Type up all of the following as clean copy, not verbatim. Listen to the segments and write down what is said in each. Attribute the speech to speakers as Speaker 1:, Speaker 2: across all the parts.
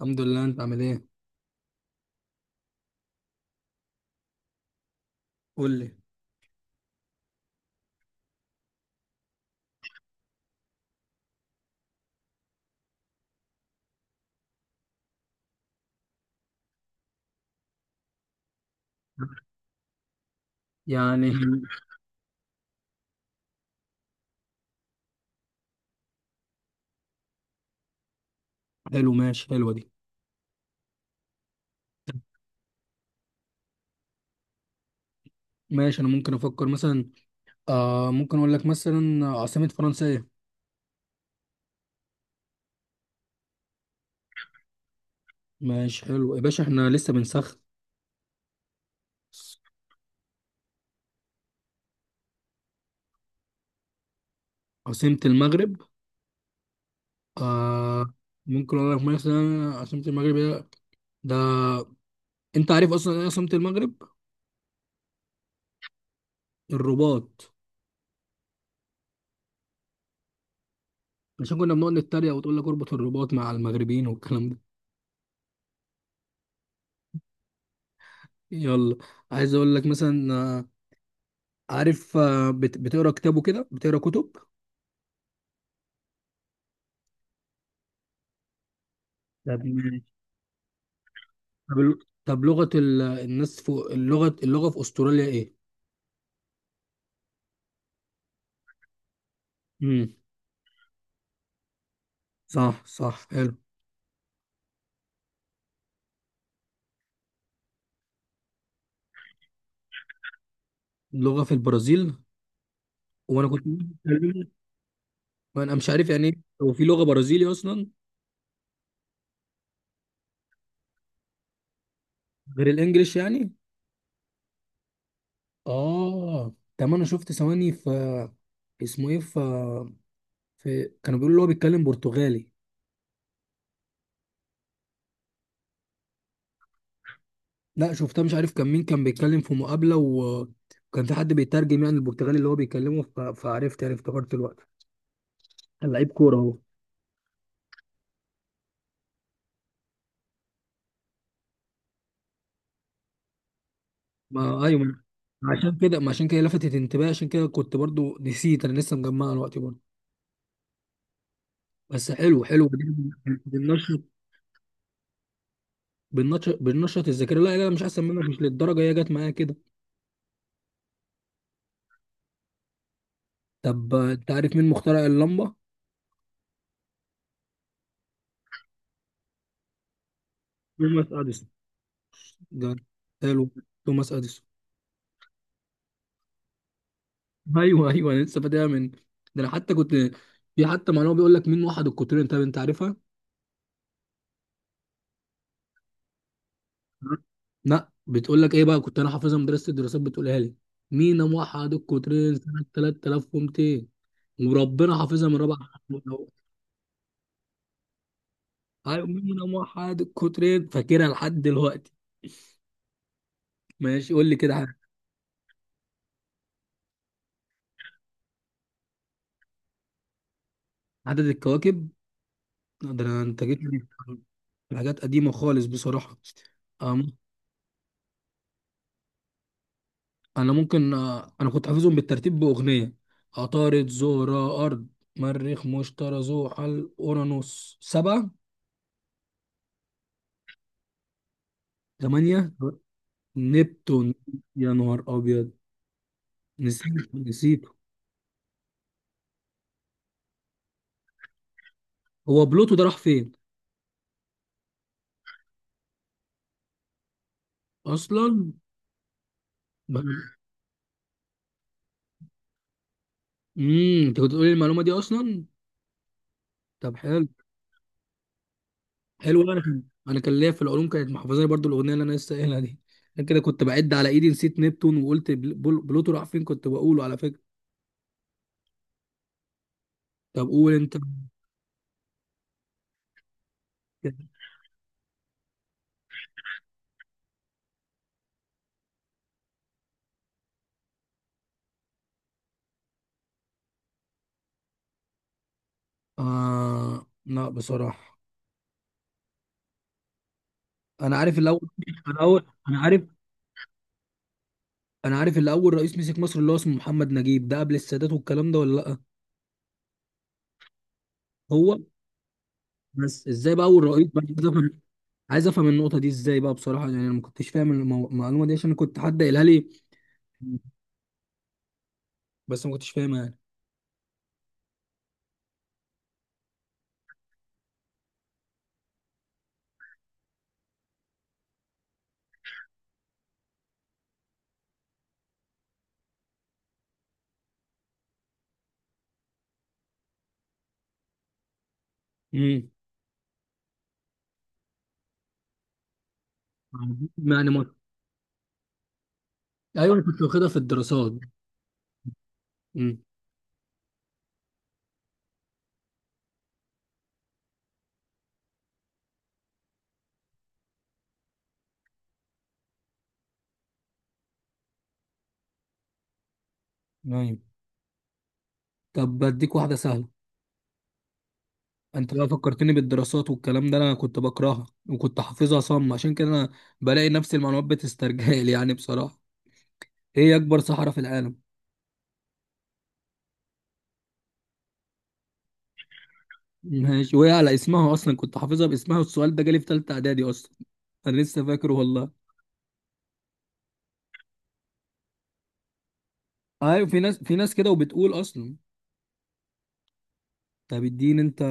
Speaker 1: الحمد لله، انت عامل ايه؟ قول لي. يعني حلو، ماشي، حلوه دي. ماشي، انا ممكن افكر مثلا. ممكن اقول لك مثلا عاصمة فرنسا ايه؟ ماشي، حلو يا باشا، احنا لسه بنسخن. عاصمة المغرب. آه. ممكن اقول لك مثلا عاصمة المغرب ايه؟ ده انت عارف اصلا ايه عاصمة المغرب؟ الرباط. عشان كنا بنقعد نتريق وتقول لك اربط الرباط مع المغربيين والكلام ده. يلا. عايز اقول لك مثلا، عارف، بتقرا كتاب وكده، بتقرا كتب. طب. طب ال- الناس فوق اللغة في أستراليا إيه؟ امم صح، صح، حلو. اللغة في البرازيل. وأنا كنت وأنا مش عارف يعني إيه، هو في لغة برازيلي أصلا؟ غير الإنجليش يعني؟ آه. طب أنا شفت ثواني في، اسمه إيه، في، في كانوا بيقولوا اللي هو بيتكلم برتغالي. لا شفتها، مش عارف كان مين، كان بيتكلم في مقابلة وكان في حد بيترجم يعني البرتغالي اللي هو بيكلمه، فعرفت يعني، افتكرت الوقت كان لعيب كورة هو. ما ايوه ما- عشان كده، لفتت انتباهي، عشان كده كنت برضو نسيت، انا لسه مجمعها دلوقتي برضو. بس حلو، حلو. بننشط، بننشط الذاكره. لا لا، مش احسن منك، مش للدرجه، هي جت معايا كده. طب، انت عارف مين مخترع اللمبه؟ توماس اديسون. ده حلو، توماس اديسون. ايوه ايوه، انا لسه فاكرها من ده. انا حتى كنت، في حتى معلومه بيقول لك مين وحد القطرين، طب انت عارفها؟ لا بتقول لك ايه بقى، كنت انا حافظها، مدرسه الدراسات بتقولها لي، مين موحد القطرين سنه 3200. وربنا حافظها من رابعه. لو هيؤمنون موحد الكترين فاكرها لحد دلوقتي. ماشي، قول لي كده عدد. عدد الكواكب. ده انا، انت جيت لي في حاجات قديمه خالص بصراحه. أم- انا ممكن آه، انا كنت حافظهم بالترتيب باغنيه. عطارد، زهره، ارض، مريخ، مشتري، زحل، اورانوس، سبعه، ثمانيه، نبتون. يا نهار ابيض، نسيت. هو بلوتو ده راح فين اصلا؟ انت كنت بتقولي المعلومه دي اصلا. طب حلو. حلو، انا كان ليا في العلوم، كانت محافظاني برضو الاغنيه اللي انا لسه قايلها دي. انا كده كنت بعد على ايدي، نسيت نبتون وقلت بلوتو راح فين، كنت بقوله على فكره. طب قول انت كده. آه لا بصراحه، انا عارف الاول. انا عارف، انا عارف اللي اول رئيس مسك مصر اللي هو اسمه محمد نجيب، ده قبل السادات والكلام ده، ولا لا؟ هو. بس ازاي بقى اول رئيس، بقى عايز افهم. عايز افهم النقطه دي ازاي بقى بصراحه، يعني انا ما كنتش فاهم المعلومه دي، عشان كنت حد قايلها لي، بس ما كنتش فاهمها يعني. امم يعني، ايوه، انا كنت واخدها في الدراسات. امم. نايم. طب بديك واحدة سهلة. انت بقى فكرتني بالدراسات والكلام ده، انا كنت بكرهها وكنت حافظها صم، عشان كده انا بلاقي نفس المعلومات بتسترجل يعني بصراحة. ايه اكبر صحراء في العالم؟ ماشي، وهي على اسمها اصلا، كنت حافظها باسمها، والسؤال ده جالي في تالتة اعدادي اصلا، انا لسه فاكره والله. ايوه، في ناس كده وبتقول اصلا. طب اديني انت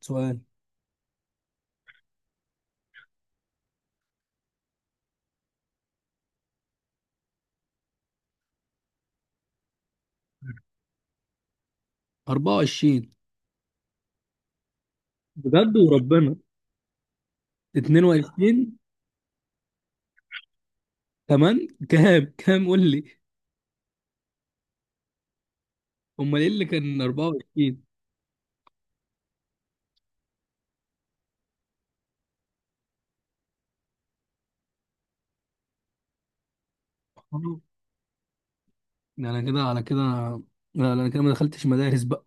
Speaker 1: سؤال. 24. بجد وربنا. 22. كمان كام، كام قول لي. امال ايه اللي كان 24؟ آه، ده انا كده على كده. لا لا، انا كده ما دخلتش مدارس بقى.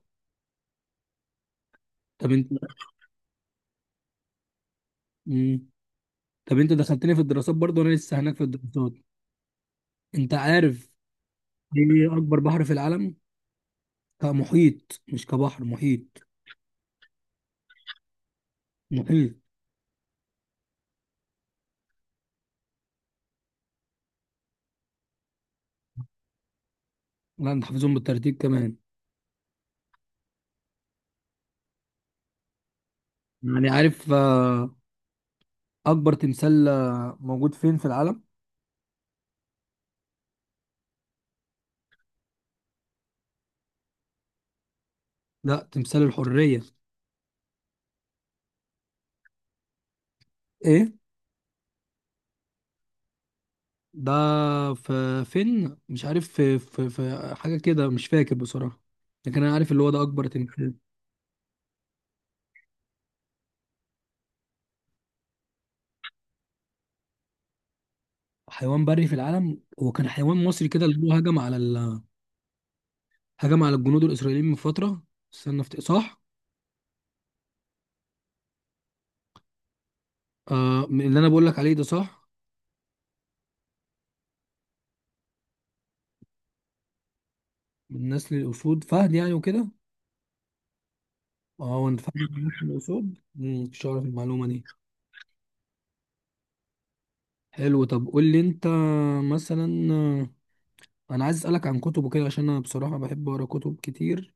Speaker 1: طب انت. مم. طب انت دخلتني في الدراسات برضه، وانا لسه هناك في الدراسات. انت عارف ايه اكبر بحر في العالم؟ كمحيط مش كبحر، محيط. محيط. لا انت حافظهم بالترتيب كمان. يعني عارف، اكبر تمثال موجود فين في العالم؟ لا، تمثال الحرية. ايه، ده في فين؟ مش عارف في, حاجة كده، مش فاكر بصراحة، لكن أنا عارف اللي هو ده أكبر تمثال. حيوان بري في العالم، هو كان حيوان مصري كده اللي هو هجم على هجم على الجنود الإسرائيليين من فترة. استنى افتكر. صح، آه اللي أنا بقول لك عليه ده، صح. من نسل الأسود، فهد يعني وكده. اه. هو انت فهد من نسل الأسود، مش عارف المعلومة دي. حلو، طب قول لي أنت. مثلا، أنا عايز أسألك عن كتب وكده، عشان أنا بصراحة بحب أقرأ كتب كتير.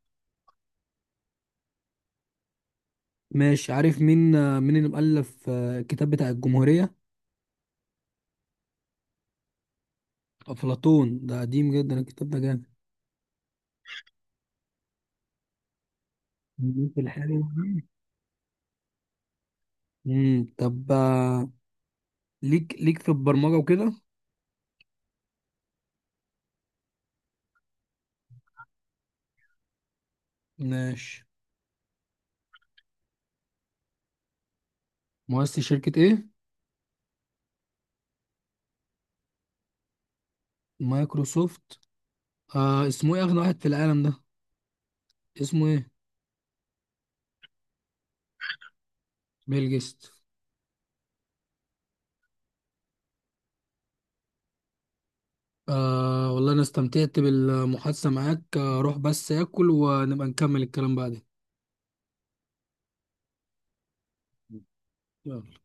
Speaker 1: ماشي، عارف مين، اللي مؤلف الكتاب بتاع الجمهورية؟ أفلاطون، ده قديم جدا الكتاب ده، جامد. ليك في الحلو. طب، ليك في البرمجة وكده. ماشي. مؤسس شركة ايه؟ مايكروسوفت. آه اسمه ايه، اغنى واحد في العالم ده، اسمه ايه؟ بيل جيتس. آه والله انا استمتعت بالمحادثة معاك، روح بس اكل، ونبقى نكمل الكلام بعدين. يلا.